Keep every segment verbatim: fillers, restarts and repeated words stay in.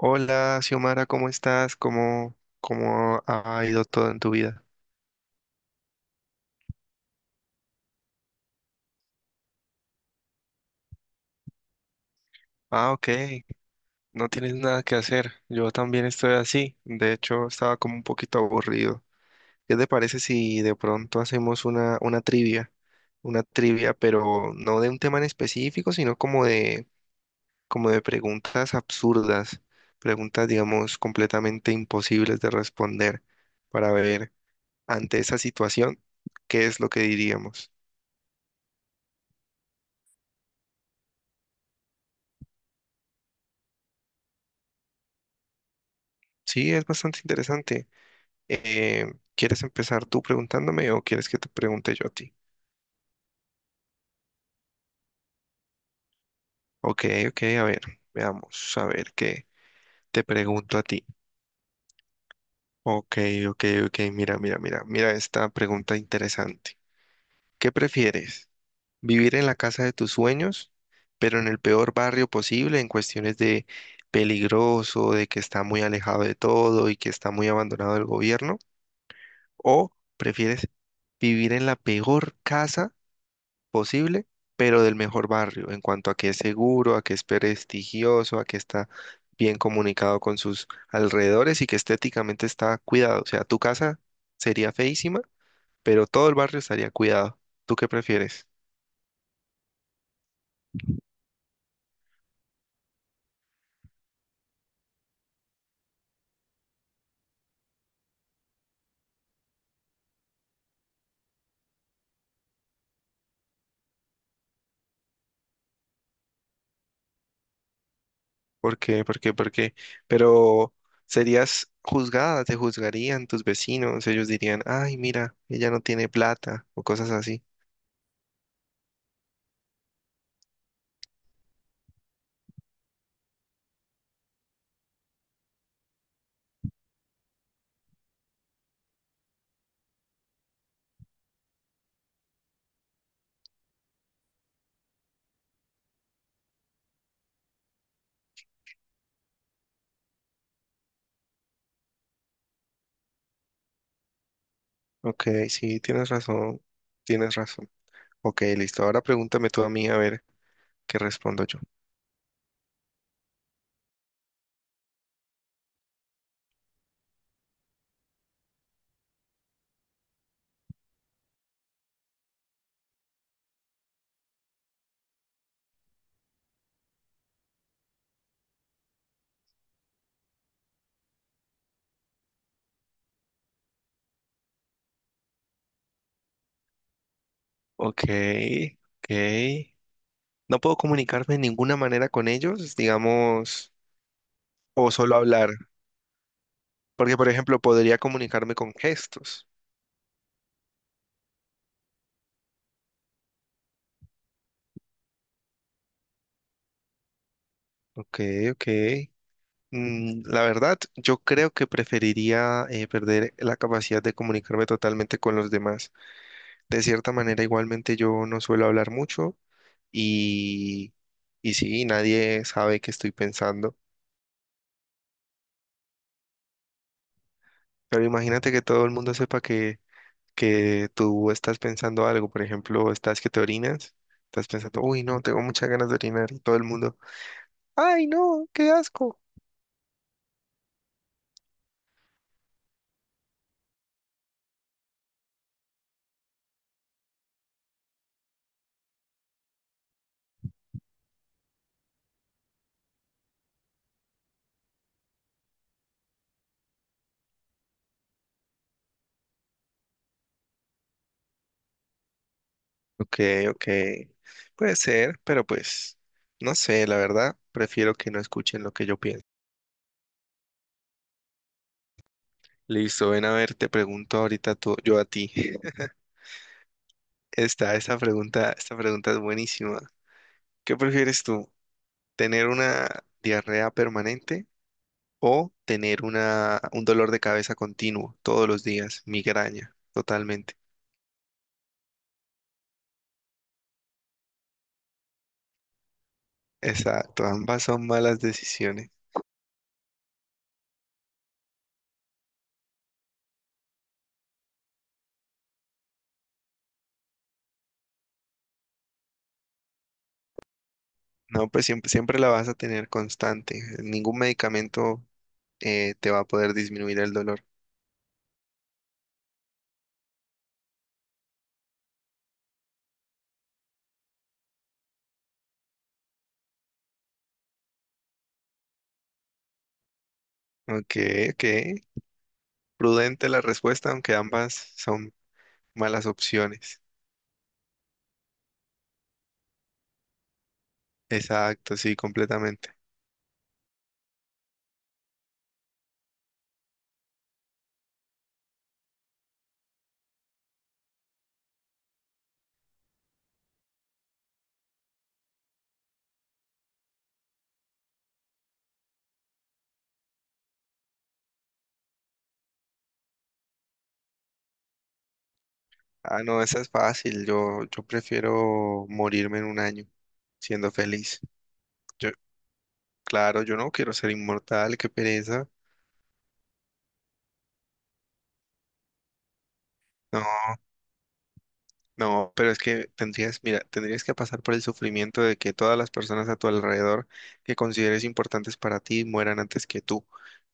Hola, Xiomara, ¿cómo estás? ¿Cómo, cómo ha ido todo en tu vida? Ah, ok, no tienes nada que hacer. Yo también estoy así. De hecho, estaba como un poquito aburrido. ¿Qué te parece si de pronto hacemos una, una trivia? Una trivia, pero no de un tema en específico, sino como de, como de preguntas absurdas, preguntas, digamos, completamente imposibles de responder, para ver ante esa situación qué es lo que diríamos. Sí, es bastante interesante. Eh, ¿quieres empezar tú preguntándome o quieres que te pregunte yo a ti? Ok, ok, a ver, veamos, a ver qué te pregunto a ti. Ok, ok, ok, mira, mira, mira, mira esta pregunta interesante. ¿Qué prefieres? ¿Vivir en la casa de tus sueños, pero en el peor barrio posible en cuestiones de peligroso, de que está muy alejado de todo y que está muy abandonado del gobierno? ¿O prefieres vivir en la peor casa posible, pero del mejor barrio, en cuanto a que es seguro, a que es prestigioso, a que está bien comunicado con sus alrededores y que estéticamente está cuidado? O sea, tu casa sería feísima, pero todo el barrio estaría cuidado. ¿Tú qué prefieres? ¿Por qué? ¿Por qué? ¿Por qué? Pero serías juzgada, te juzgarían tus vecinos, ellos dirían, ay, mira, ella no tiene plata o cosas así. Ok, sí, tienes razón, tienes razón. Ok, listo. Ahora pregúntame tú a mí a ver qué respondo yo. Ok, ok. No puedo comunicarme de ninguna manera con ellos, digamos, o solo hablar, porque por ejemplo podría comunicarme con gestos. Ok, ok. Mm, la verdad, yo creo que preferiría eh, perder la capacidad de comunicarme totalmente con los demás. De cierta manera, igualmente yo no suelo hablar mucho y, y sí, nadie sabe qué estoy pensando. Pero imagínate que todo el mundo sepa que que tú estás pensando algo, por ejemplo, estás que te orinas, estás pensando, uy, no, tengo muchas ganas de orinar y todo el mundo, ay, no, qué asco. Ok, ok, puede ser, pero pues, no sé, la verdad, prefiero que no escuchen lo que yo pienso. Listo, ven a ver, te pregunto ahorita tú, yo a ti. Esta, esta pregunta, esta pregunta es buenísima. ¿Qué prefieres tú? ¿Tener una diarrea permanente o tener una, un dolor de cabeza continuo todos los días, migraña, totalmente? Exacto, ambas son malas decisiones. No, pues siempre, siempre la vas a tener constante. Ningún medicamento eh, te va a poder disminuir el dolor. Ok, ok. Prudente la respuesta, aunque ambas son malas opciones. Exacto, sí, completamente. Ah, no, esa es fácil. Yo, yo prefiero morirme en un año siendo feliz. Yo, claro, yo no quiero ser inmortal, qué pereza. No, pero es que tendrías, mira, tendrías que pasar por el sufrimiento de que todas las personas a tu alrededor que consideres importantes para ti mueran antes que tú.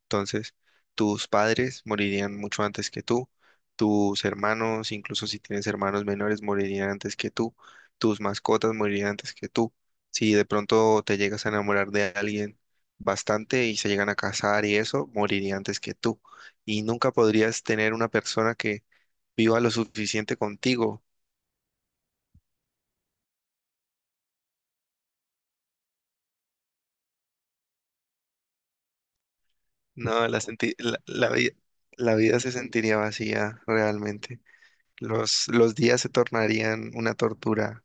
Entonces, tus padres morirían mucho antes que tú, tus hermanos, incluso si tienes hermanos menores, morirían antes que tú, tus mascotas morirían antes que tú. Si de pronto te llegas a enamorar de alguien bastante y se llegan a casar y eso, moriría antes que tú. Y nunca podrías tener una persona que viva lo suficiente contigo. No, la, senti- la, la vi- la vida se sentiría vacía realmente. Los, los días se tornarían una tortura.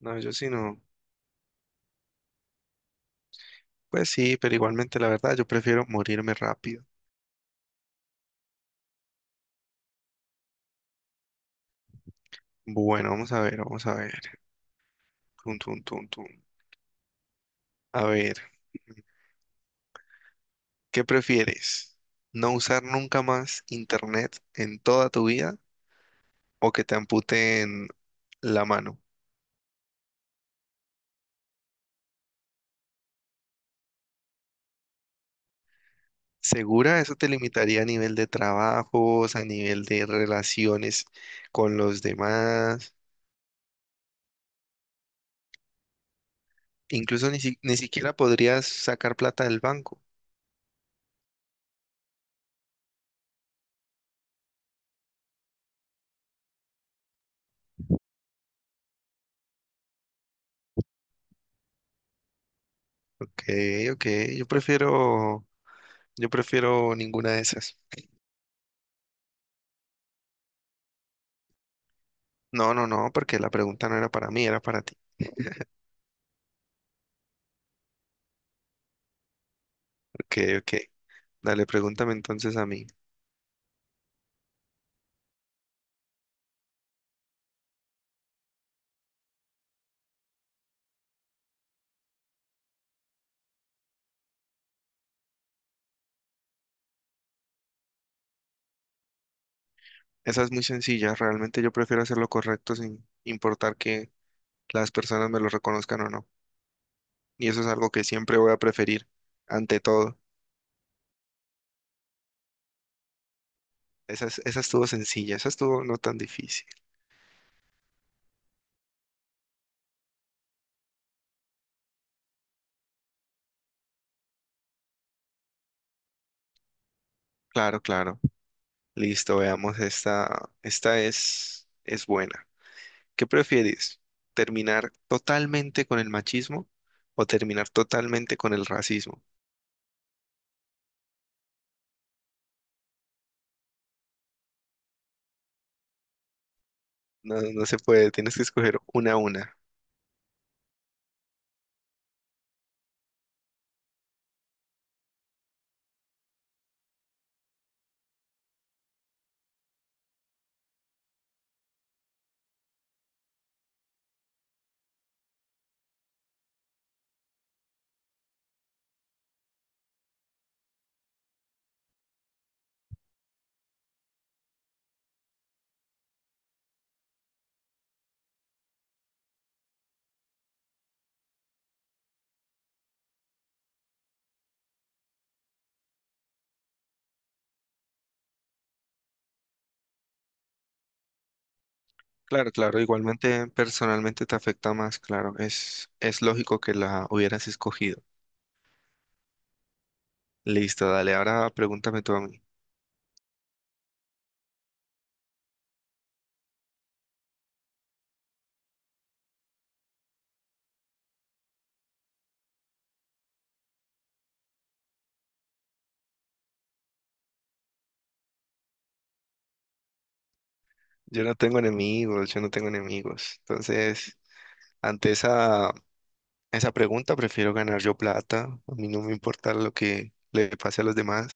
No, yo sí no. Pues sí, pero igualmente la verdad, yo prefiero morirme rápido. Bueno, vamos a ver, vamos a ver. Tun, tun, tun, tun. A ver, ¿qué prefieres? ¿No usar nunca más internet en toda tu vida o que te amputen la mano? Segura, eso te limitaría a nivel de trabajos, a nivel de relaciones con los demás. Incluso ni, si- ni siquiera podrías sacar plata del banco. Ok, ok. Yo prefiero, yo prefiero ninguna de esas. No, no, no, porque la pregunta no era para mí, era para ti. Ok, ok. Dale, pregúntame entonces a mí. Esa es muy sencilla. Realmente yo prefiero hacer lo correcto sin importar que las personas me lo reconozcan o no. Y eso es algo que siempre voy a preferir ante todo. Esa, es- esa estuvo sencilla, esa estuvo no tan difícil. Claro, claro. Listo, veamos esta. Esta es, es buena. ¿Qué prefieres? ¿Terminar totalmente con el machismo o terminar totalmente con el racismo? No, no se puede, tienes que escoger una a una. Claro, claro, igualmente personalmente te afecta más, claro. Es, es lógico que la hubieras escogido. Listo, dale, ahora pregúntame tú a mí. Yo no tengo enemigos, yo no tengo enemigos. Entonces, ante esa esa pregunta, prefiero ganar yo plata. A mí no me importa lo que le pase a los demás.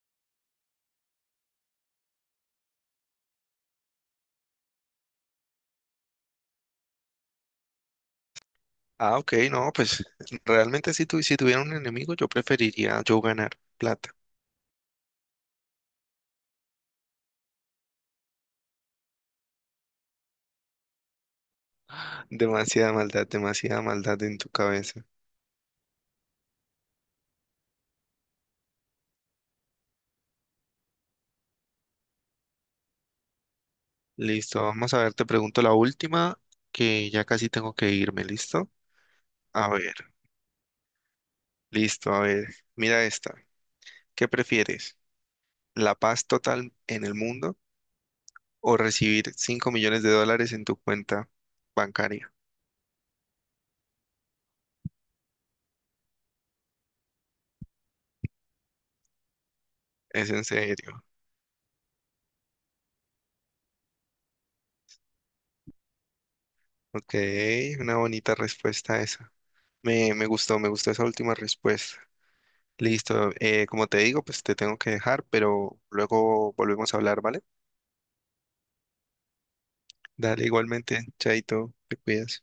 Ah, ok, no, pues realmente si, tu- si tuviera un enemigo, yo preferiría yo ganar plata. Demasiada maldad, demasiada maldad en tu cabeza. Listo, vamos a ver, te pregunto la última, que ya casi tengo que irme, ¿listo? A ver, listo, a ver, mira esta. ¿Qué prefieres? ¿La paz total en el mundo o recibir cinco millones de dólares en tu cuenta bancaria? Es en serio. Ok, una bonita respuesta esa. Me, me gustó, me gustó esa última respuesta. Listo, eh, como te digo, pues te tengo que dejar, pero luego volvemos a hablar, ¿vale? Dale, igualmente, chaito, te cuidas.